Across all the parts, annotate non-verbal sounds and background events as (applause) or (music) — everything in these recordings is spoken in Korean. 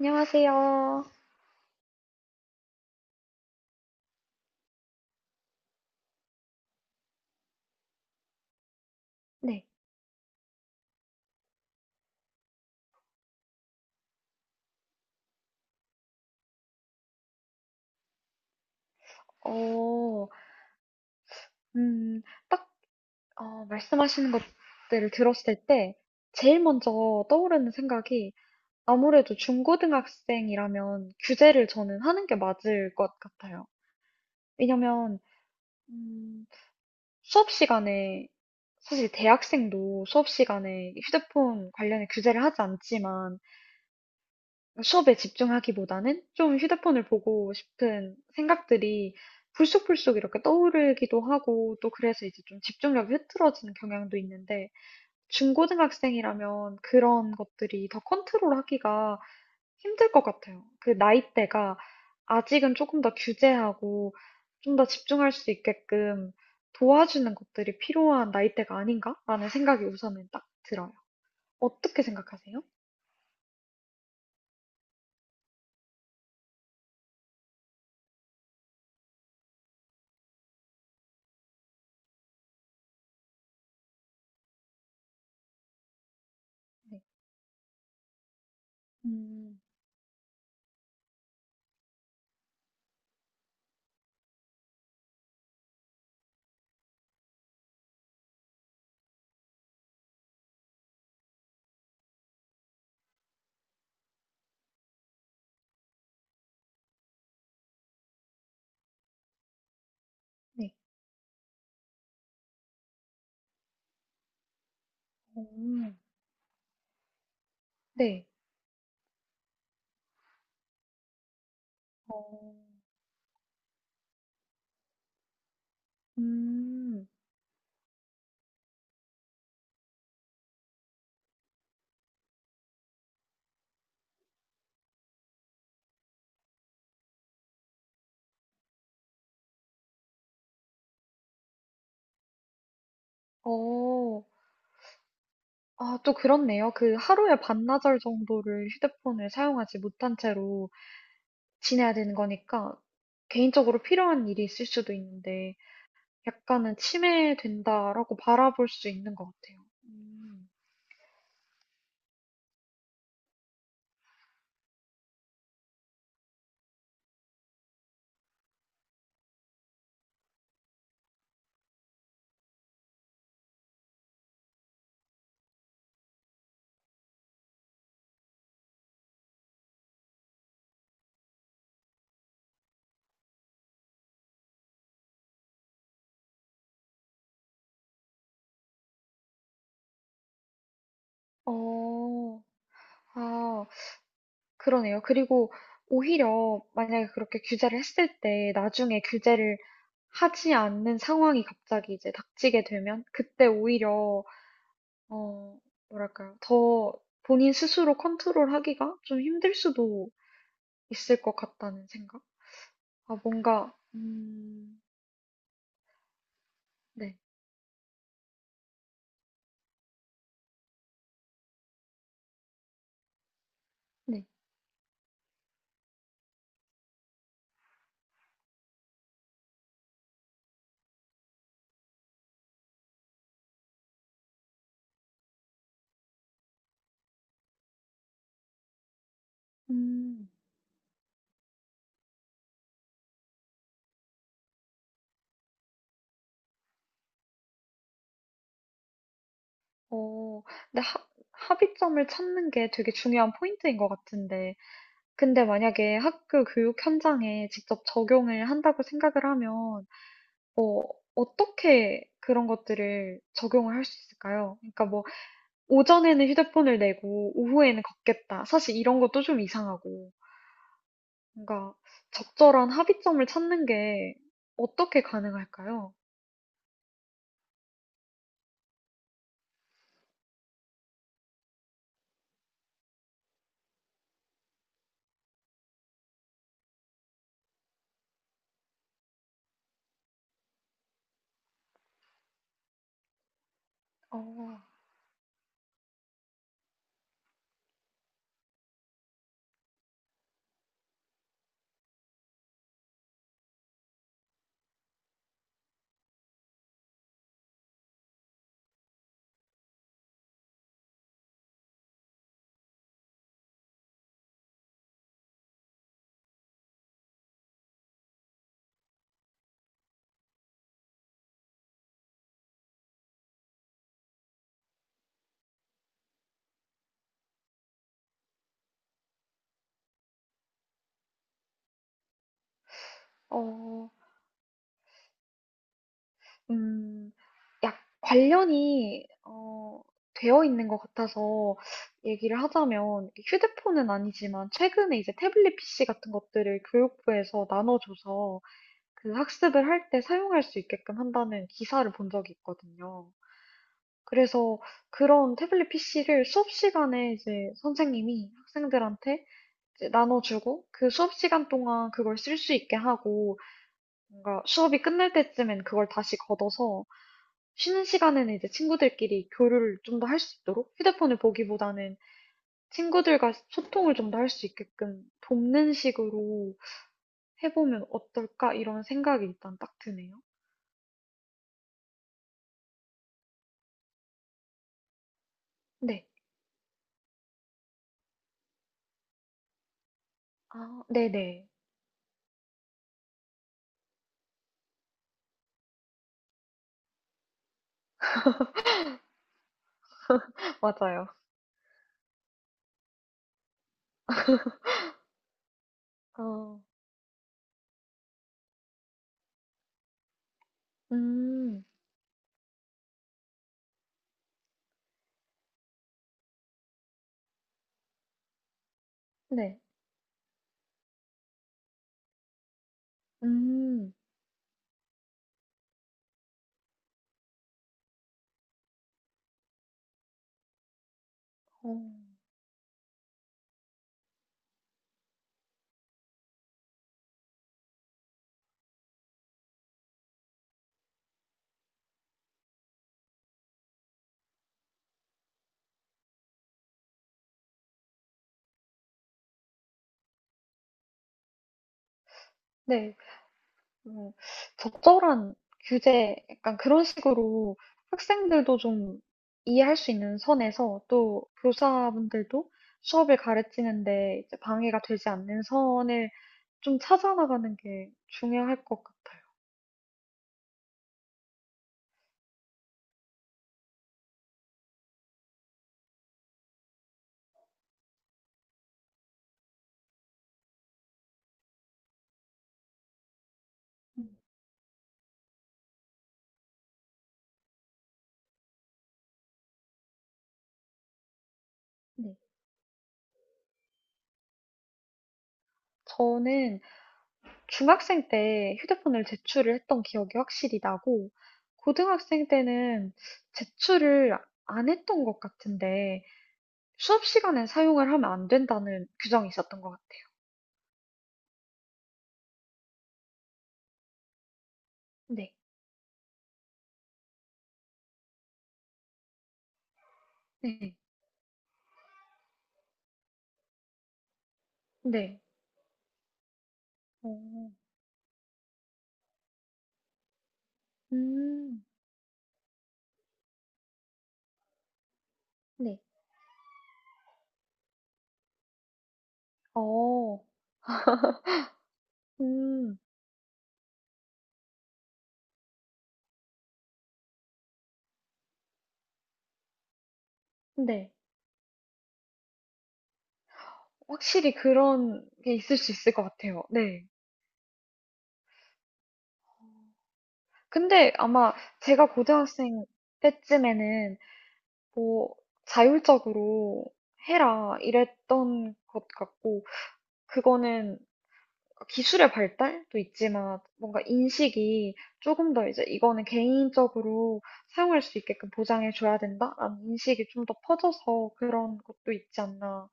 안녕하세요. 네. 어, 음, 딱, 말씀하시는 것들을 들었을 때, 제일 먼저 떠오르는 생각이, 아무래도 중고등학생이라면 규제를 저는 하는 게 맞을 것 같아요. 왜냐면, 음, 수업 시간에, 사실 대학생도 수업 시간에 휴대폰 관련해 규제를 하지 않지만, 수업에 집중하기보다는 좀 휴대폰을 보고 싶은 생각들이 불쑥불쑥 이렇게 떠오르기도 하고 또 그래서 이제 좀 집중력이 흐트러지는 경향도 있는데 중고등학생이라면 그런 것들이 더 컨트롤하기가 힘들 것 같아요. 그 나이대가 아직은 조금 더 규제하고 좀 더 집중할 수 있게끔 도와주는 것들이 필요한 나이대가 아닌가라는 생각이 우선은 딱 들어요. 어떻게 생각하세요? 네. 음, 네. 오. 네. 어. 음. 어. 아 또 그렇네요. 그 하루에 반나절 정도를 휴대폰을 사용하지 못한 채로 지내야 되는 거니까 개인적으로 필요한 일이 있을 수도 있는데 약간은 '침해된다.'라고 바라볼 수 있는 것 같아요. 음. 어. 아 그러네요. 그리고 오히려 만약에 그렇게 규제를 했을 때 나중에 규제를 하지 않는 상황이 갑자기 이제 닥치게 되면 그때 오히려 어, 뭐랄까요. 더 본인 스스로 컨트롤하기가 좀 힘들 수도 있을 것 같다는 생각? 아, 뭔가, 네, 네. 음, 어, 근데 합의점을 찾는 게 되게 중요한 포인트인 것 같은데. 근데 만약에 학교 교육 현장에 직접 적용을 한다고 생각을 하면 어떻게 그런 것들을 적용을 할 수 있을까요? 그러니까 뭐, 오전에는 휴대폰을 내고 오후에는 걷겠다. 사실 이런 것도 좀 이상하고. 뭔가 적절한 합의점을 찾는 게 어떻게 가능할까요? 어, 어, 음, 약 관련이 되어 있는 것 같아서 얘기를 하자면 휴대폰은 아니지만 최근에 이제 태블릿 PC 같은 것들을 교육부에서 나눠줘서 그 학습을 할 때 사용할 수 있게끔 한다는 기사를 본 적이 있거든요. 그래서 그런 태블릿 PC를 수업 시간에 이제 선생님이 학생들한테 이제 나눠주고 그 수업 시간 동안 그걸 쓸 수 있게 하고 뭔가 수업이 끝날 때쯤엔 그걸 다시 걷어서 쉬는 시간에는 이제 친구들끼리 교류를 좀 더 할 수 있도록 휴대폰을 보기보다는 친구들과 소통을 좀 더 할 수 있게끔 돕는 식으로 해보면 어떨까 이런 생각이 일단 딱 드네요. 네. 아, 네네. (laughs) 맞아요. 어, 음, 네. 음, 어, 네. 뭐 적절한 규제, 약간 그런 식으로 학생들도 좀 이해할 수 있는 선에서 또 교사분들도 수업을 가르치는데 이제 방해가 되지 않는 선을 좀 찾아나가는 게 중요할 것 같아요. 음, 네. 저는 중학생 때 휴대폰을 제출을 했던 기억이 확실히 나고, 고등학생 때는 제출을 안 했던 것 같은데, 수업 시간에 사용을 하면 안 된다는 규정이 있었던 것 같아요. 네. 네. 네. 어. 음. 네. 어. 음. 네. 확실히 그런 게 있을 수 있을 것 같아요. 네. 근데 아마 제가 고등학생 때쯤에는 뭐 자율적으로 해라 이랬던 것 같고 그거는 기술의 발달도 있지만 뭔가 인식이 조금 더 이제 이거는 개인적으로 사용할 수 있게끔 보장해 줘야 된다라는 인식이 좀 더 퍼져서 그런 것도 있지 않나.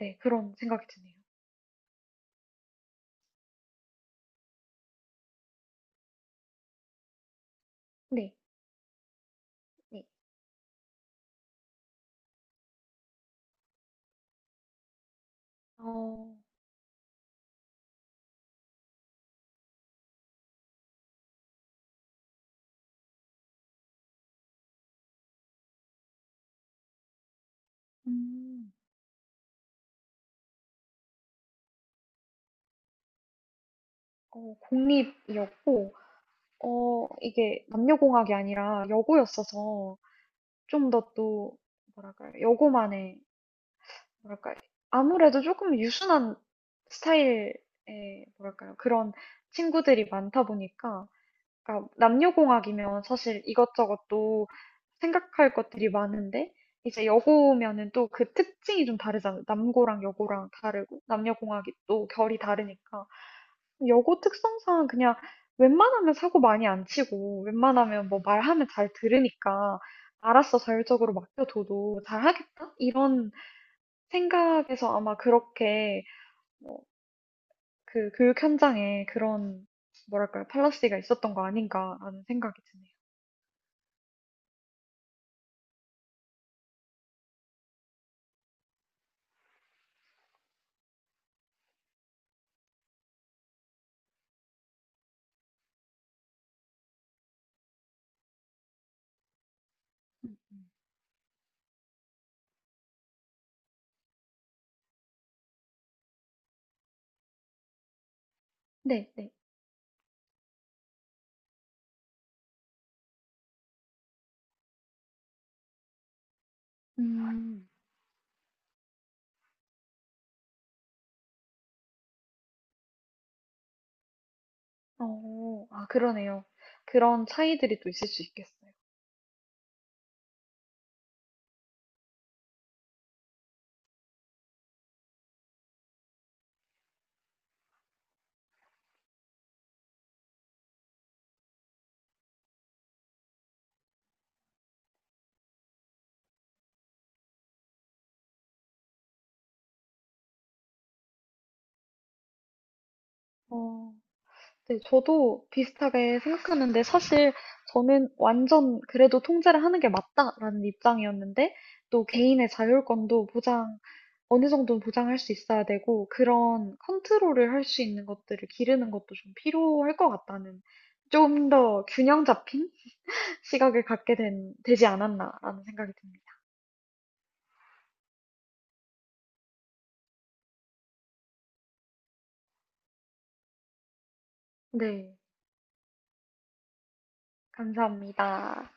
네, 그런 생각이 드네요. 네, 네. 어, 음, 공립이었고, 이게 남녀공학이 아니라 여고였어서 좀 더 또, 뭐랄까요, 여고만의 뭐랄까, 아무래도 조금 유순한 스타일의, 뭐랄까요, 그런 친구들이 많다 보니까, 그러니까 남녀공학이면 사실 이것저것 또 생각할 것들이 많은데, 이제 여고면은 또 그 특징이 좀 다르잖아요. 남고랑 여고랑 다르고, 남녀공학이 또 결이 다르니까. 여고 특성상 그냥 웬만하면 사고 많이 안 치고, 웬만하면 뭐 말하면 잘 들으니까, 알았어, 자율적으로 맡겨둬도 잘하겠다? 이런 생각에서 아마 그렇게 그 교육 현장에 그런 뭐랄까요 팔라시가 있었던 거 아닌가라는 생각이 드네요. 네, 네. 음. 아 그러네요. 그런 차이들이 또 있을 수 있겠어요. 어. 네, 저도 비슷하게 생각하는데 사실 저는 완전 그래도 통제를 하는 게 맞다라는 입장이었는데 또 개인의 자율권도 보장, 어느 정도는 보장할 수 있어야 되고 그런 컨트롤을 할 수 있는 것들을 기르는 것도 좀 필요할 것 같다는 좀 더 균형 잡힌 시각을 갖게 된, 되지 않았나라는 생각이 듭니다. 네, 감사합니다.